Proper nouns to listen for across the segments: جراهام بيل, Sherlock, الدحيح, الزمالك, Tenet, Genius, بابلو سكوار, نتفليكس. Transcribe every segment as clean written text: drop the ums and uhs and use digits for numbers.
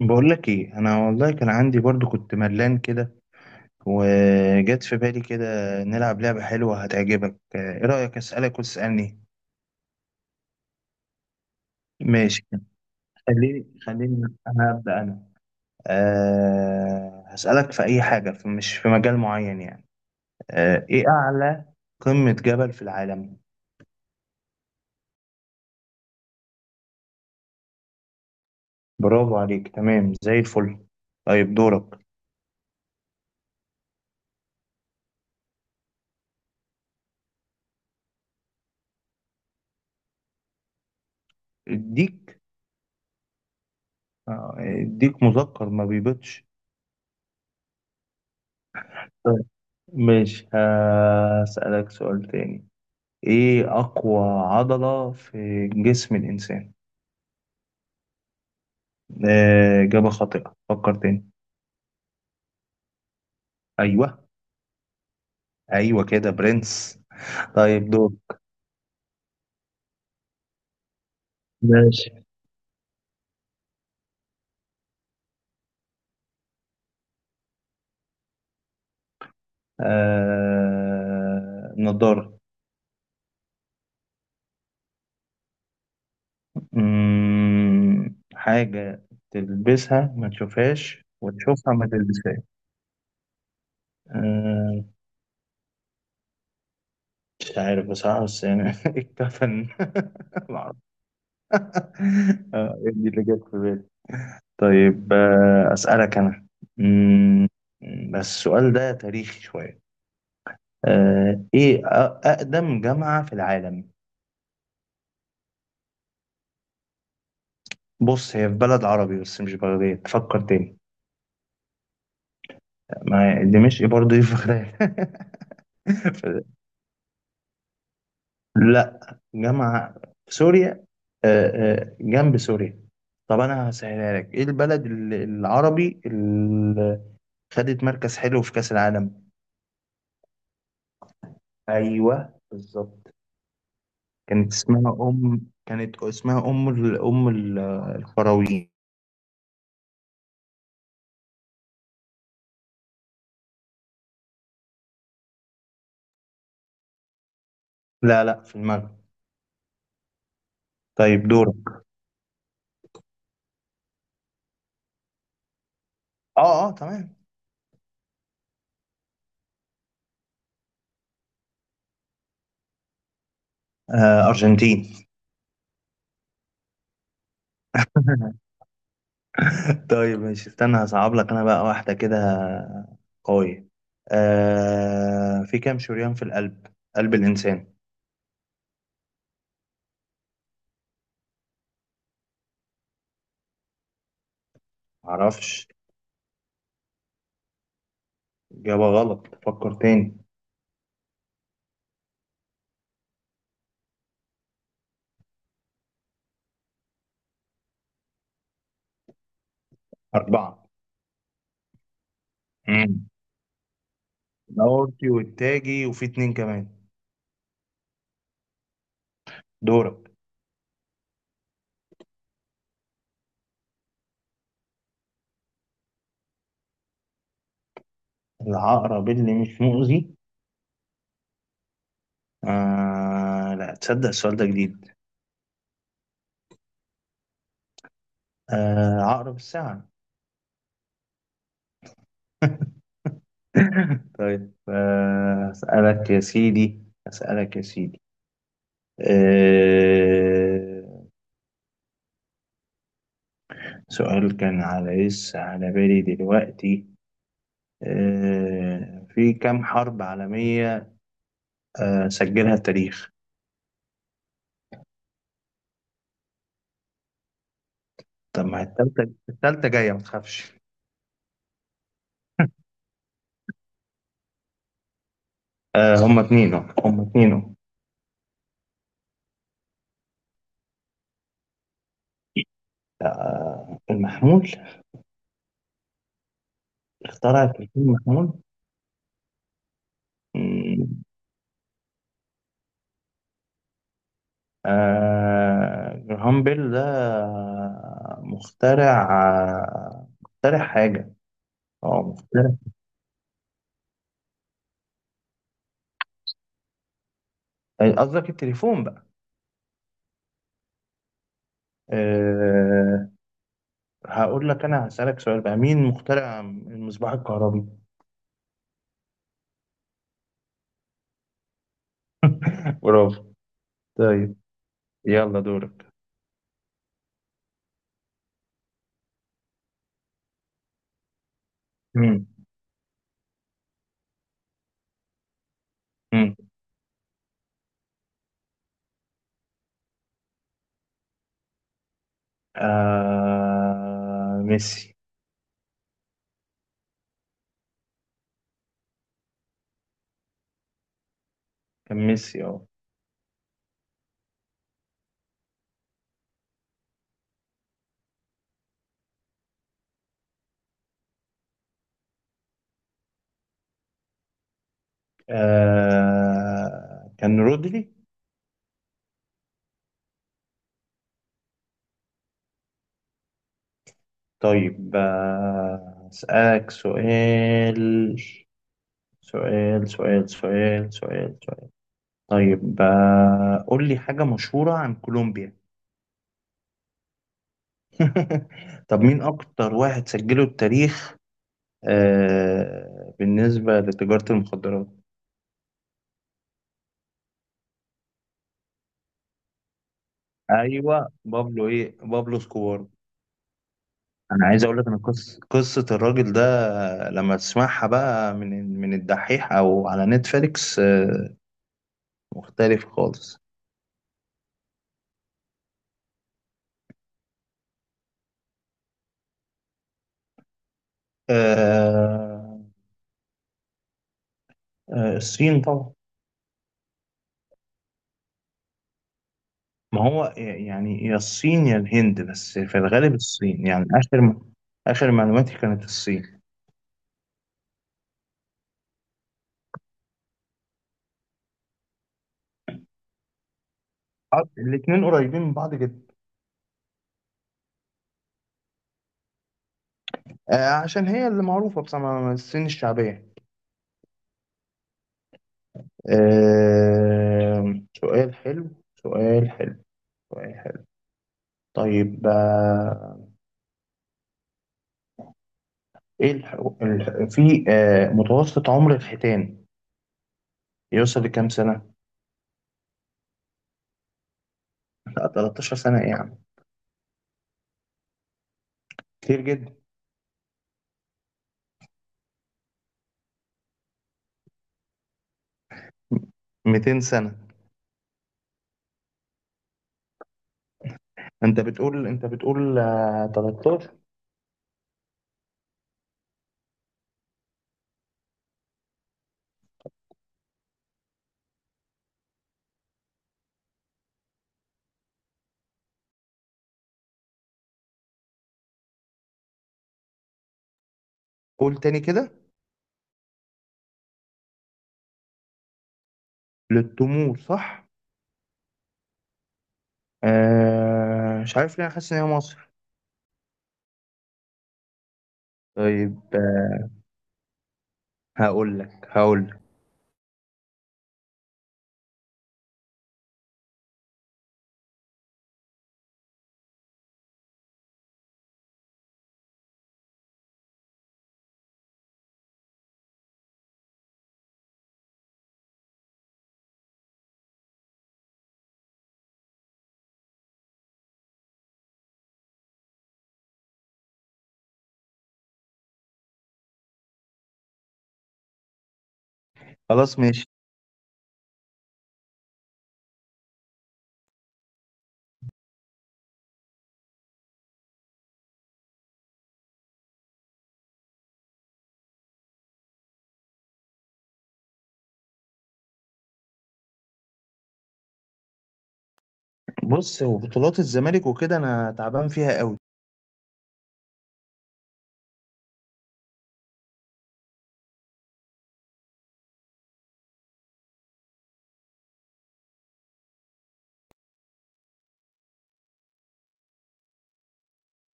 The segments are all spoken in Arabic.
بقول لك ايه، انا والله كان عندي برضو، كنت ملان كده. وجت في بالي كده، نلعب لعبة حلوة هتعجبك. ايه رأيك؟ اسألك وتسألني. ماشي. خليني، انا ابدأ انا. هسألك في اي حاجة، في مش في مجال معين يعني. ايه اعلى قمة جبل في العالم؟ برافو عليك، تمام زي الفل. طيب، دورك. اديك؟ اديك مذكر ما بيبطش. طيب، ماشي. هسألك سؤال تاني، ايه اقوى عضلة في جسم الانسان؟ اجابة خاطئة، فكر تاني. ايوه. ايوه كده، برنس. طيب، دور. ماشي. نضارة. حاجة تلبسها ما تشوفهاش، وتشوفها ما تلبسهاش. آه... مش عارف بصراحة، بس يعني الكفن. معرفش. إيه دي اللي جت في بالي. طيب، أسألك أنا. مم، بس السؤال ده تاريخي شوية. إيه أقدم جامعة في العالم؟ بص، هي في بلد عربي بس مش بغداد، فكر تاني. ما هي دمشق برضه، إيه في بغداد. ف- لا، جامعة في سوريا. جنب سوريا. طب أنا هسهلها لك، إيه البلد العربي اللي خدت مركز حلو في كأس العالم؟ أيوه بالظبط. كانت اسمها أم، كانت اسمها أم القرويين. لا لا، في المغرب. طيب دورك. اه اه، تمام. آه أرجنتين. طيب، ماشي، استنى، هصعب لك أنا بقى واحدة كده قوية. آه في كام شريان في القلب، قلب الإنسان؟ معرفش. إجابة غلط، فكر تاني. أربعة. مم. الأورطي والتاجي وفي اتنين كمان. دورك. العقرب اللي مش مؤذي. آه لا تصدق، السؤال ده جديد. آه عقرب الساعة. طيب، أسألك يا سيدي. آه سؤال كان لسه على بالي دلوقتي. في كام حرب عالمية سجلها التاريخ؟ طب ما هي التالتة، التالتة جاية ما تخافش. هما اتنين أهو، هما اتنين أهو. آه المحمول. اخترع التليفون المحمول. جراهام بيل ده مخترع مخترع حاجة. اه مخترع. قصدك التليفون بقى. أه. هقول لك أنا، هسألك سؤال بقى، مين مخترع المصباح الكهربي؟ برافو. طيب يلا، دورك. مم. مم. آه ميسي. كان ميسي اه. كان رودري. طيب، أسألك سؤال. طيب قول لي حاجة مشهورة عن كولومبيا. طب مين أكتر واحد سجله التاريخ بالنسبة لتجارة المخدرات؟ أيوة بابلو، إيه، بابلو سكوار. أنا عايز أقول لك أن قصة الراجل ده، لما تسمعها بقى من الدحيح أو على نتفليكس، مختلف خالص. آه. الصين طبعا. ما هو يعني يا الصين يا الهند، بس في الغالب الصين، يعني آخر آخر معلوماتي كانت الصين. الاثنين قريبين من بعض جدا. عشان هي اللي معروفة بصراحة، الصين الشعبية. آه، سؤال حلو سؤال حلو سؤال حلو. طيب ايه الح... في متوسط عمر الحيتان يوصل لكام سنة؟ لا 13 سنة، ايه يا عم، كتير جدا. 200 سنة. انت بتقول 13. قول تاني كده. للتمور، صح؟ آه مش عارف ليه، أنا حاسس ان هي مصر. طيب هقول لك. خلاص ماشي. بص، هو بطولات الزمالك وكده انا تعبان فيها قوي.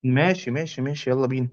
ماشي ماشي ماشي يلا بينا.